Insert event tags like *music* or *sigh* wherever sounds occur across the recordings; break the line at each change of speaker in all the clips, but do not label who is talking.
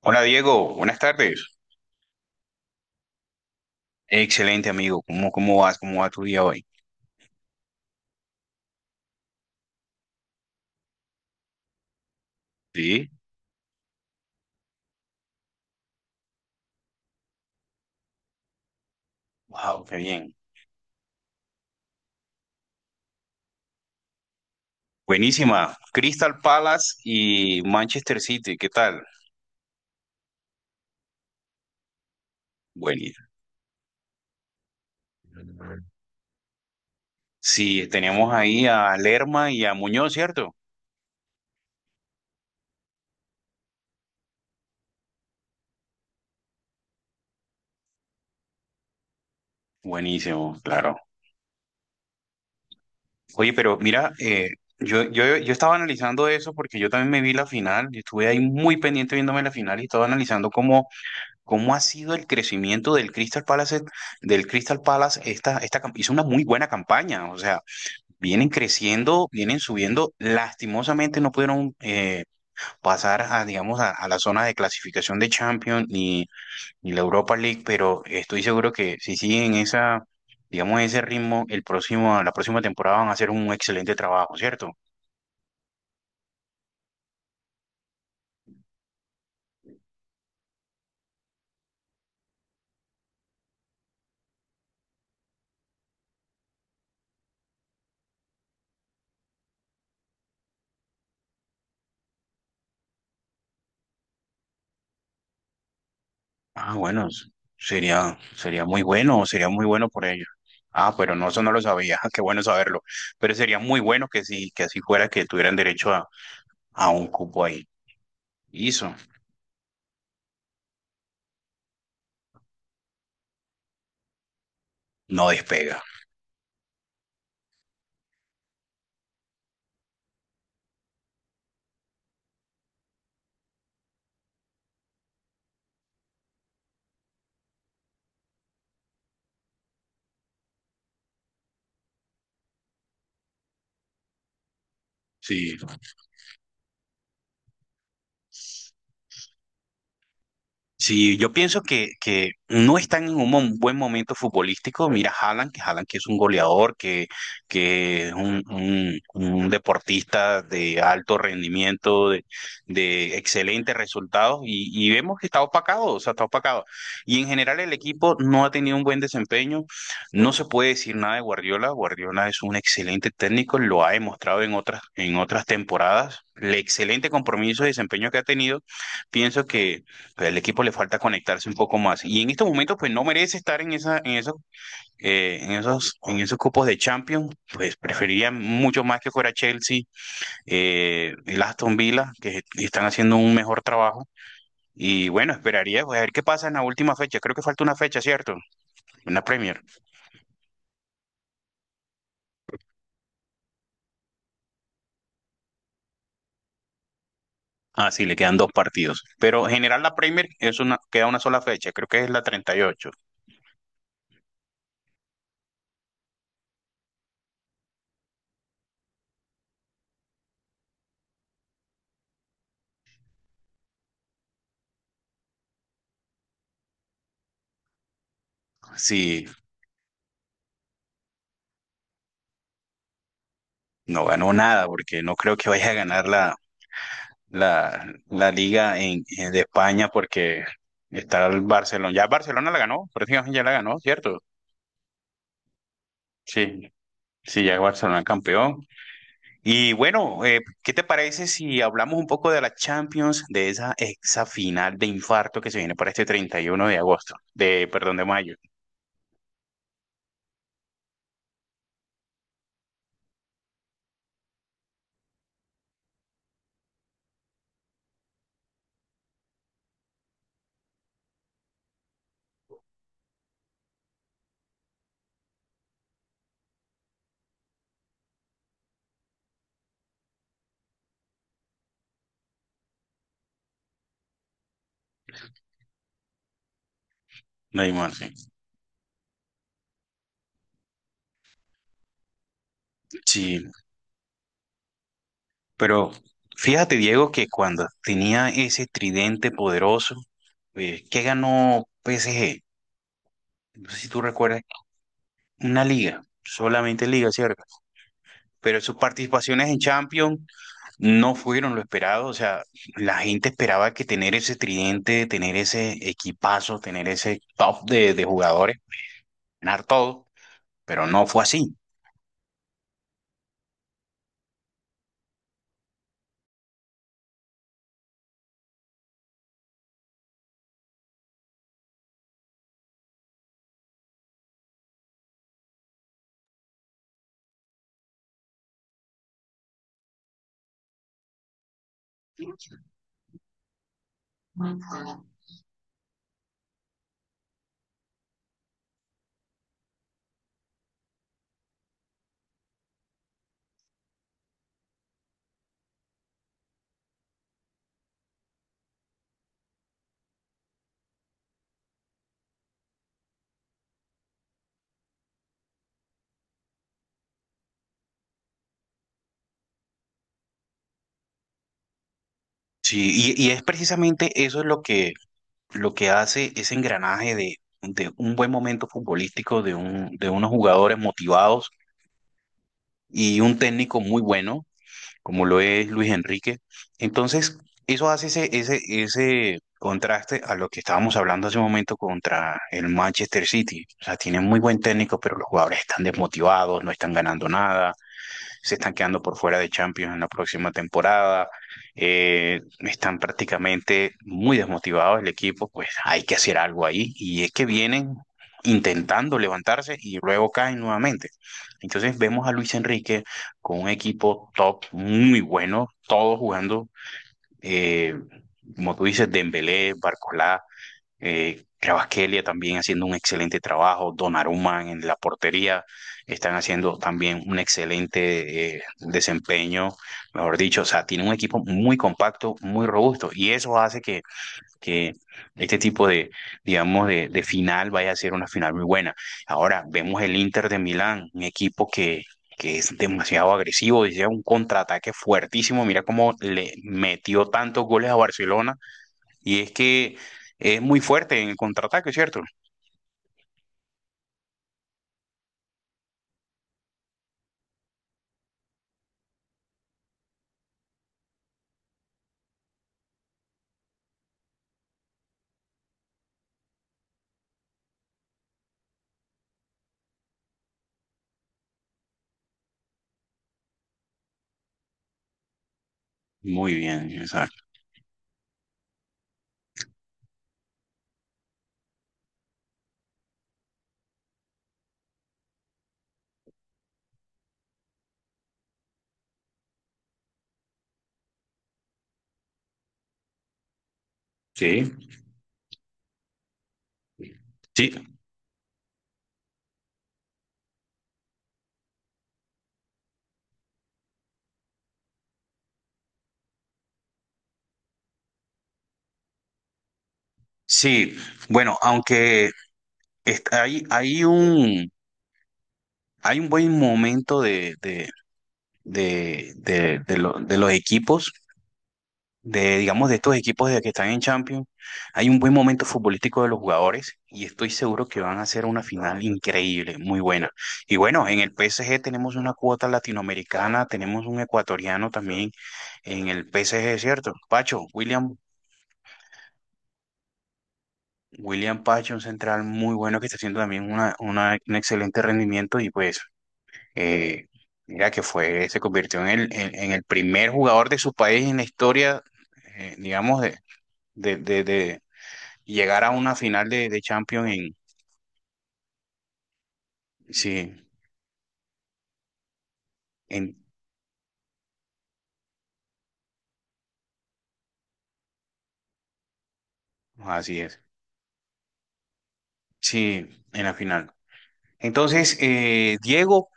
Hola Diego, buenas tardes. Excelente amigo, ¿¿cómo vas? ¿Cómo va tu día hoy? Sí, wow, qué bien. Buenísima. Crystal Palace y Manchester City, ¿qué tal? Buenísimo. Sí, tenemos ahí a Lerma y a Muñoz, ¿cierto? Buenísimo, claro. Oye, pero mira, yo estaba analizando eso porque yo también me vi la final, yo estuve ahí muy pendiente viéndome la final y estaba analizando cómo, cómo ha sido el crecimiento del Crystal Palace, hizo una muy buena campaña, o sea. Vienen creciendo, vienen subiendo. Lastimosamente no pudieron pasar a, digamos, a la zona de clasificación de Champions ni, ni la Europa League, pero estoy seguro que si siguen esa, digamos, ese ritmo, la próxima temporada van a hacer un excelente trabajo, ¿cierto? Ah, bueno, s- sería, sería muy bueno por ellos. Ah, pero no, eso no lo sabía, *laughs* qué bueno saberlo. Pero sería muy bueno que sí, que así fuera, que tuvieran derecho a un cupo ahí. Hizo, no despega. Sí. Sí, yo pienso que no están en un buen momento futbolístico. Mira, Haaland que es un goleador, que es un, un deportista de alto rendimiento, de excelentes resultados, y vemos que está opacado, o sea, está opacado. Y en general el equipo no ha tenido un buen desempeño. No se puede decir nada de Guardiola. Guardiola es un excelente técnico, lo ha demostrado en otras temporadas. El excelente compromiso y desempeño que ha tenido, pienso que el equipo le falta conectarse un poco más. Y en estos momentos, pues no merece estar en esa, en esos, en esos, en esos cupos de Champions. Pues preferiría mucho más que fuera Chelsea, el Aston Villa, que están haciendo un mejor trabajo. Y bueno, esperaría pues, a ver qué pasa en la última fecha. Creo que falta una fecha, ¿cierto? Una Premier. Ah, sí, le quedan dos partidos. Pero en general la Premier es una, queda una sola fecha. Creo que es la treinta y ocho. Sí, no ganó nada porque no creo que vaya a ganar la, la liga en, de España porque está el Barcelona. Ya Barcelona la ganó, prácticamente ya la ganó, ¿cierto? Sí, sí, ya Barcelona campeón. Y bueno, ¿qué te parece si hablamos un poco de la Champions, de esa exa final de infarto que se viene para este 31 de agosto, de, perdón, de mayo? No hay más, sí. Sí, pero fíjate, Diego, que cuando tenía ese tridente poderoso, ¿qué ganó PSG? No sé si tú recuerdas. Una liga, solamente liga, ¿cierto? Pero sus participaciones en Champions no fueron lo esperado, o sea, la gente esperaba que tener ese tridente, tener ese equipazo, tener ese top de jugadores, ganar todo, pero no fue así. Sí, y es precisamente eso es lo que hace ese engranaje de un buen momento futbolístico, de, un, de unos jugadores motivados y un técnico muy bueno, como lo es Luis Enrique. Entonces, eso hace ese, ese, ese contraste a lo que estábamos hablando hace un momento contra el Manchester City. O sea, tienen muy buen técnico, pero los jugadores están desmotivados, no están ganando nada, se están quedando por fuera de Champions en la próxima temporada, están prácticamente muy desmotivados el equipo, pues hay que hacer algo ahí y es que vienen intentando levantarse y luego caen nuevamente. Entonces vemos a Luis Enrique con un equipo top muy bueno, todos jugando, eh, como tú dices, Dembélé, Barcolá, Kvaratskhelia también haciendo un excelente trabajo, Donnarumma en la portería están haciendo también un excelente desempeño, mejor dicho, o sea, tiene un equipo muy compacto, muy robusto y eso hace que este tipo de, digamos, de final vaya a ser una final muy buena. Ahora vemos el Inter de Milán, un equipo que es demasiado agresivo, decía un contraataque fuertísimo, mira cómo le metió tantos goles a Barcelona y es que es muy fuerte en el contraataque, ¿cierto? Muy bien, exacto. Sí, sí, sí. Bueno, hay, hay un buen momento de, de los equipos de, digamos, de estos equipos de que están en Champions, hay un buen momento futbolístico de los jugadores y estoy seguro que van a hacer una final increíble, muy buena. Y bueno, en el PSG tenemos una cuota latinoamericana, tenemos un ecuatoriano también en el PSG, ¿cierto? Pacho, William, William Pacho, un central muy bueno que está haciendo también una, un excelente rendimiento y pues... eh, mira que fue, se convirtió en el primer jugador de su país en la historia, digamos, de, y llegar a una final de Champions en, sí, en, así es, sí, en la final. Entonces, Diego,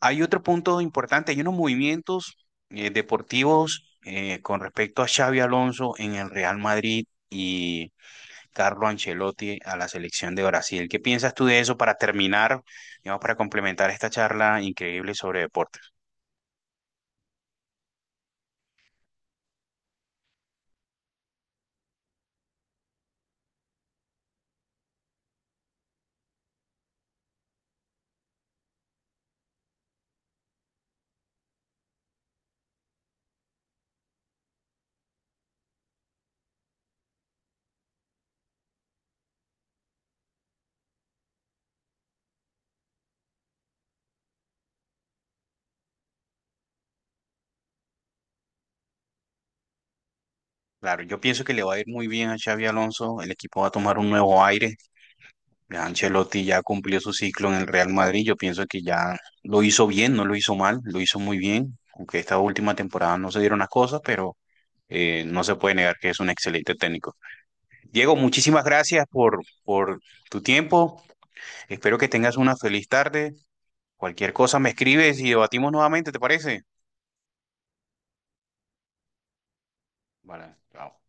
hay otro punto importante, hay unos movimientos deportivos con respecto a Xavi Alonso en el Real Madrid y Carlo Ancelotti a la selección de Brasil. ¿Qué piensas tú de eso para terminar, digamos, para complementar esta charla increíble sobre deportes? Claro, yo pienso que le va a ir muy bien a Xavi Alonso, el equipo va a tomar un nuevo aire. Ya Ancelotti ya cumplió su ciclo en el Real Madrid. Yo pienso que ya lo hizo bien, no lo hizo mal, lo hizo muy bien. Aunque esta última temporada no se dieron las cosas, pero no se puede negar que es un excelente técnico. Diego, muchísimas gracias por tu tiempo. Espero que tengas una feliz tarde. Cualquier cosa me escribes y debatimos nuevamente, ¿te parece? Vale, chao.